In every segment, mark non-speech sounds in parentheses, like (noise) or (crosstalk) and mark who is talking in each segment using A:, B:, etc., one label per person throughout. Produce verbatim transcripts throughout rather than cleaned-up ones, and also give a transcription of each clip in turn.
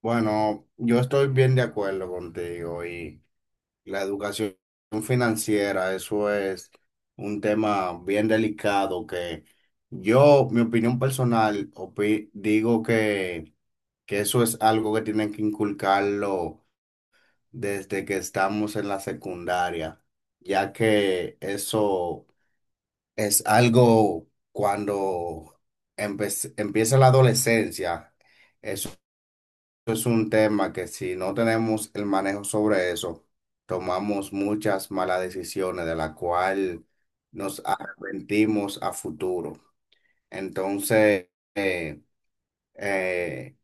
A: Bueno, yo estoy bien de acuerdo contigo y la educación financiera, eso es un tema bien delicado que yo, mi opinión personal, opi- digo que, que eso es algo que tienen que inculcarlo desde que estamos en la secundaria, ya que eso es algo cuando empe- empieza la adolescencia, eso es un tema que si no tenemos el manejo sobre eso, tomamos muchas malas decisiones de la cual nos arrepentimos a futuro. Entonces, eh, eh,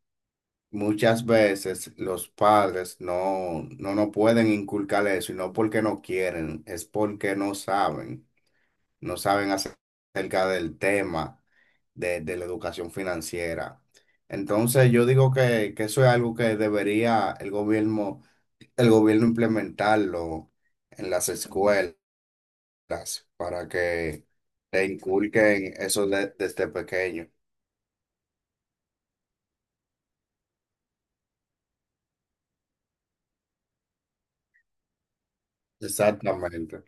A: muchas veces los padres no, no nos pueden inculcar eso y no porque no quieren, es porque no saben no saben acerca del tema de, de la educación financiera. Entonces yo digo que, que eso es algo que debería el gobierno, el gobierno implementarlo en las escuelas para que le inculquen eso de- desde pequeño. Exactamente.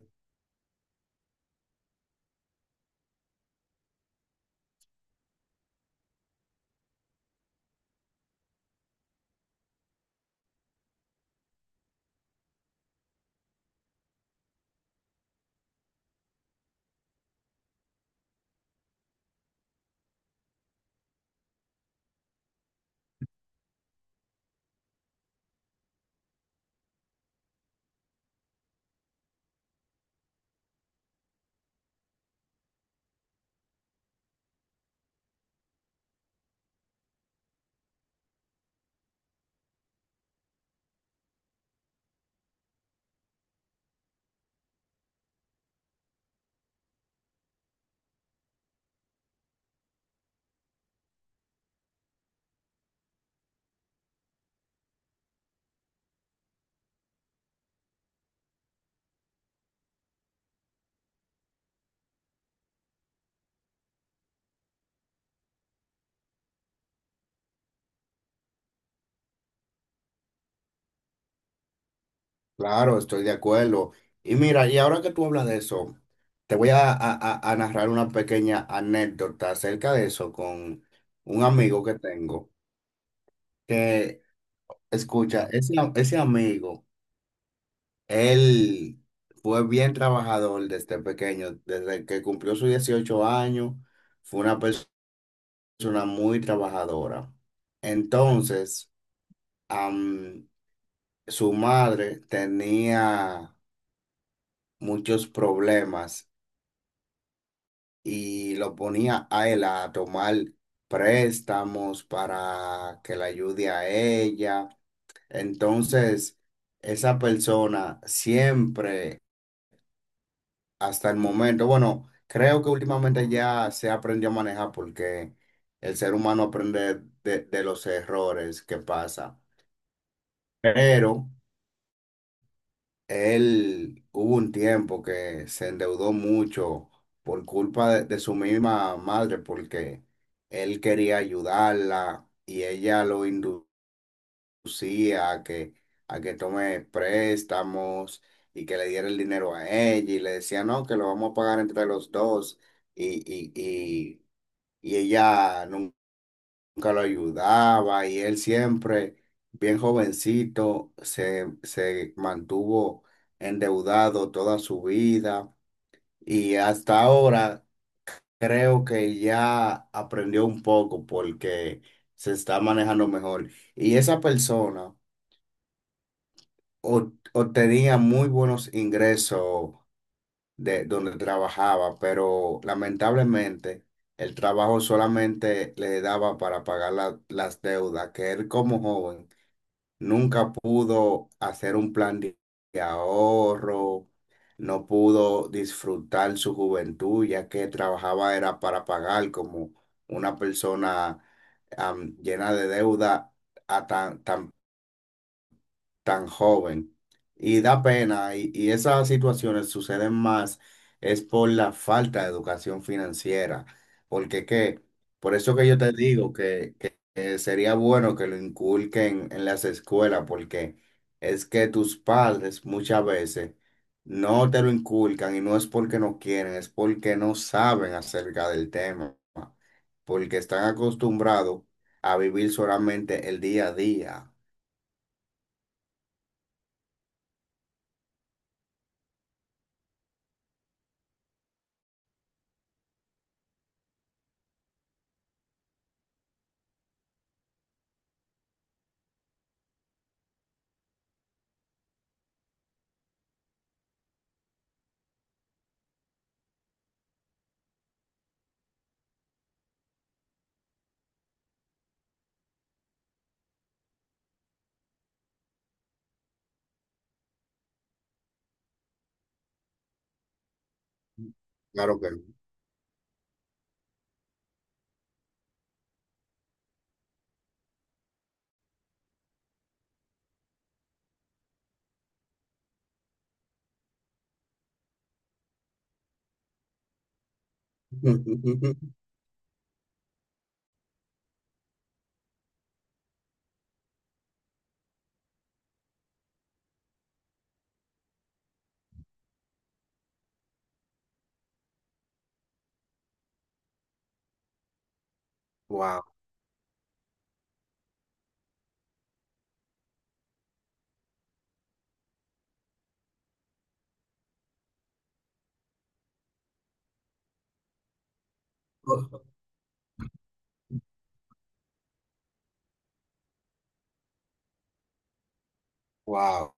A: Claro, estoy de acuerdo. Y mira, y ahora que tú hablas de eso, te voy a, a a- a narrar una pequeña anécdota acerca de eso con un amigo que tengo. Que Escucha, ese, ese amigo, él fue bien trabajador desde pequeño, desde que cumplió sus dieciocho años, fue una persona muy trabajadora. Entonces, am, su madre tenía muchos problemas y lo ponía a él a tomar préstamos para que la ayude a ella. Entonces, esa persona siempre. Hasta el momento, bueno, creo que últimamente ya se aprendió a manejar porque el ser humano aprende de, de los errores que pasa. Pero él hubo un tiempo que se endeudó mucho por culpa de, de su misma madre porque él quería ayudarla y ella lo indujo. Lucía a que, a que tome préstamos y que le diera el dinero a ella y le decía, no, que lo vamos a pagar entre los dos y, y, y, y ella nun- nunca lo ayudaba y él siempre, bien jovencito, se, se mantuvo endeudado toda su vida y hasta ahora creo que ya aprendió un poco porque se está manejando mejor. Y esa persona o- o tenía muy buenos ingresos de donde trabajaba, pero lamentablemente el trabajo solamente le daba para pagar la- las deudas, que él como joven nunca pudo hacer un plan de de ahorro, no pudo disfrutar su juventud, ya que trabajaba era para pagar como una persona am, llena de deuda a tan también tan joven. Y da pena, y, y esas situaciones suceden más es por la falta de educación financiera, porque que, por eso que yo te digo que, que- que sería bueno que lo inculquen en las escuelas, porque es que tus padres muchas veces no te lo inculcan y no es porque no quieren, es porque no saben acerca del tema, porque están acostumbrados a vivir solamente el día a día. Claro que no. (laughs) Wow, wow,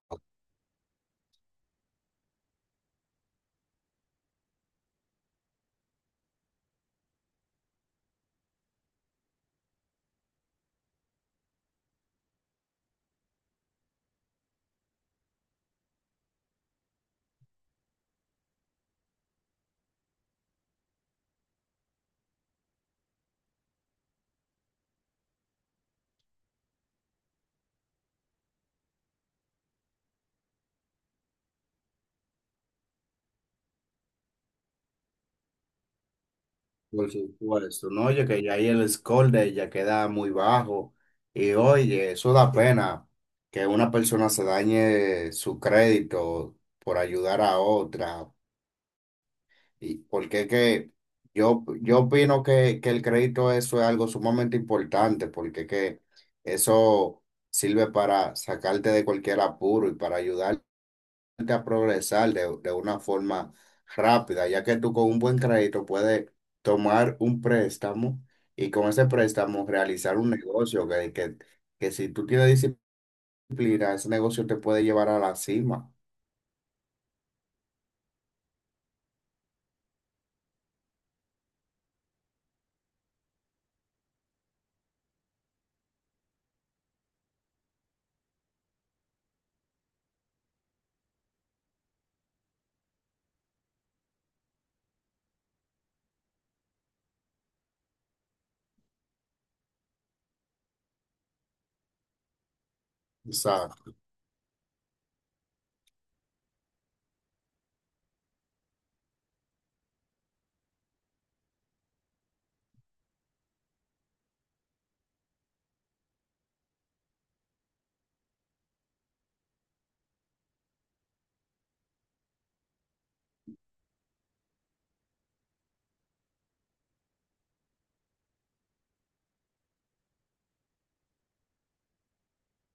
A: por supuesto. No, oye, que ya ahí el score de ella queda muy bajo. Y oye, eso da pena que una persona se dañe su crédito por ayudar a otra. Y porque es que yo, yo opino que, que el crédito eso es algo sumamente importante, porque que eso sirve para sacarte de cualquier apuro y para ayudar a progresar de, de una forma rápida, ya que tú con un buen crédito puedes tomar un préstamo y con ese préstamo realizar un negocio que, que, que si tú tienes disciplina, ese negocio te puede llevar a la cima. Exacto.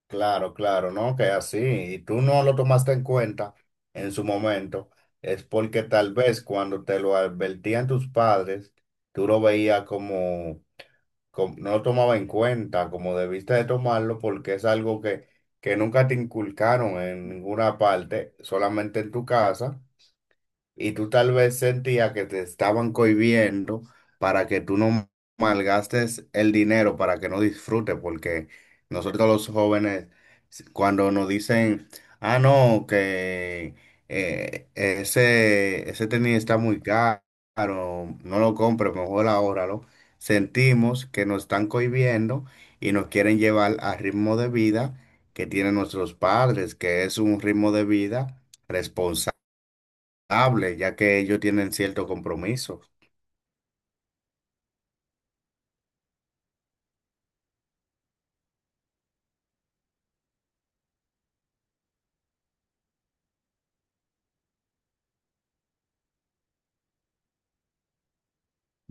A: Claro, claro, ¿no? Que así, y tú no lo tomaste en cuenta en su momento, es porque tal vez cuando te lo advertían tus padres, tú lo veías como com- no lo tomaba en cuenta como debiste de tomarlo porque es algo que, que nunca te inculcaron en ninguna parte, solamente en tu casa y tú tal vez sentías que te estaban cohibiendo para que tú no malgastes el dinero, para que no disfrutes, porque nosotros los jóvenes, s- cuando nos dicen, ah, no, que eh, ese, ese tenis está muy caro, no lo compres, mejor ahórralo, sentimos que nos están cohibiendo y nos quieren llevar al ritmo de vida que tienen nuestros padres, que es un ritmo de vida responsable hable, ya que ellos tienen cierto compromiso.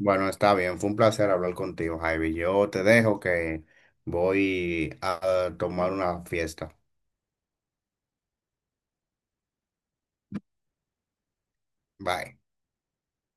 A: Bueno, está bien, fue un placer hablar contigo, Javi. Yo te dejo que voy a tomar una fiesta. Bye.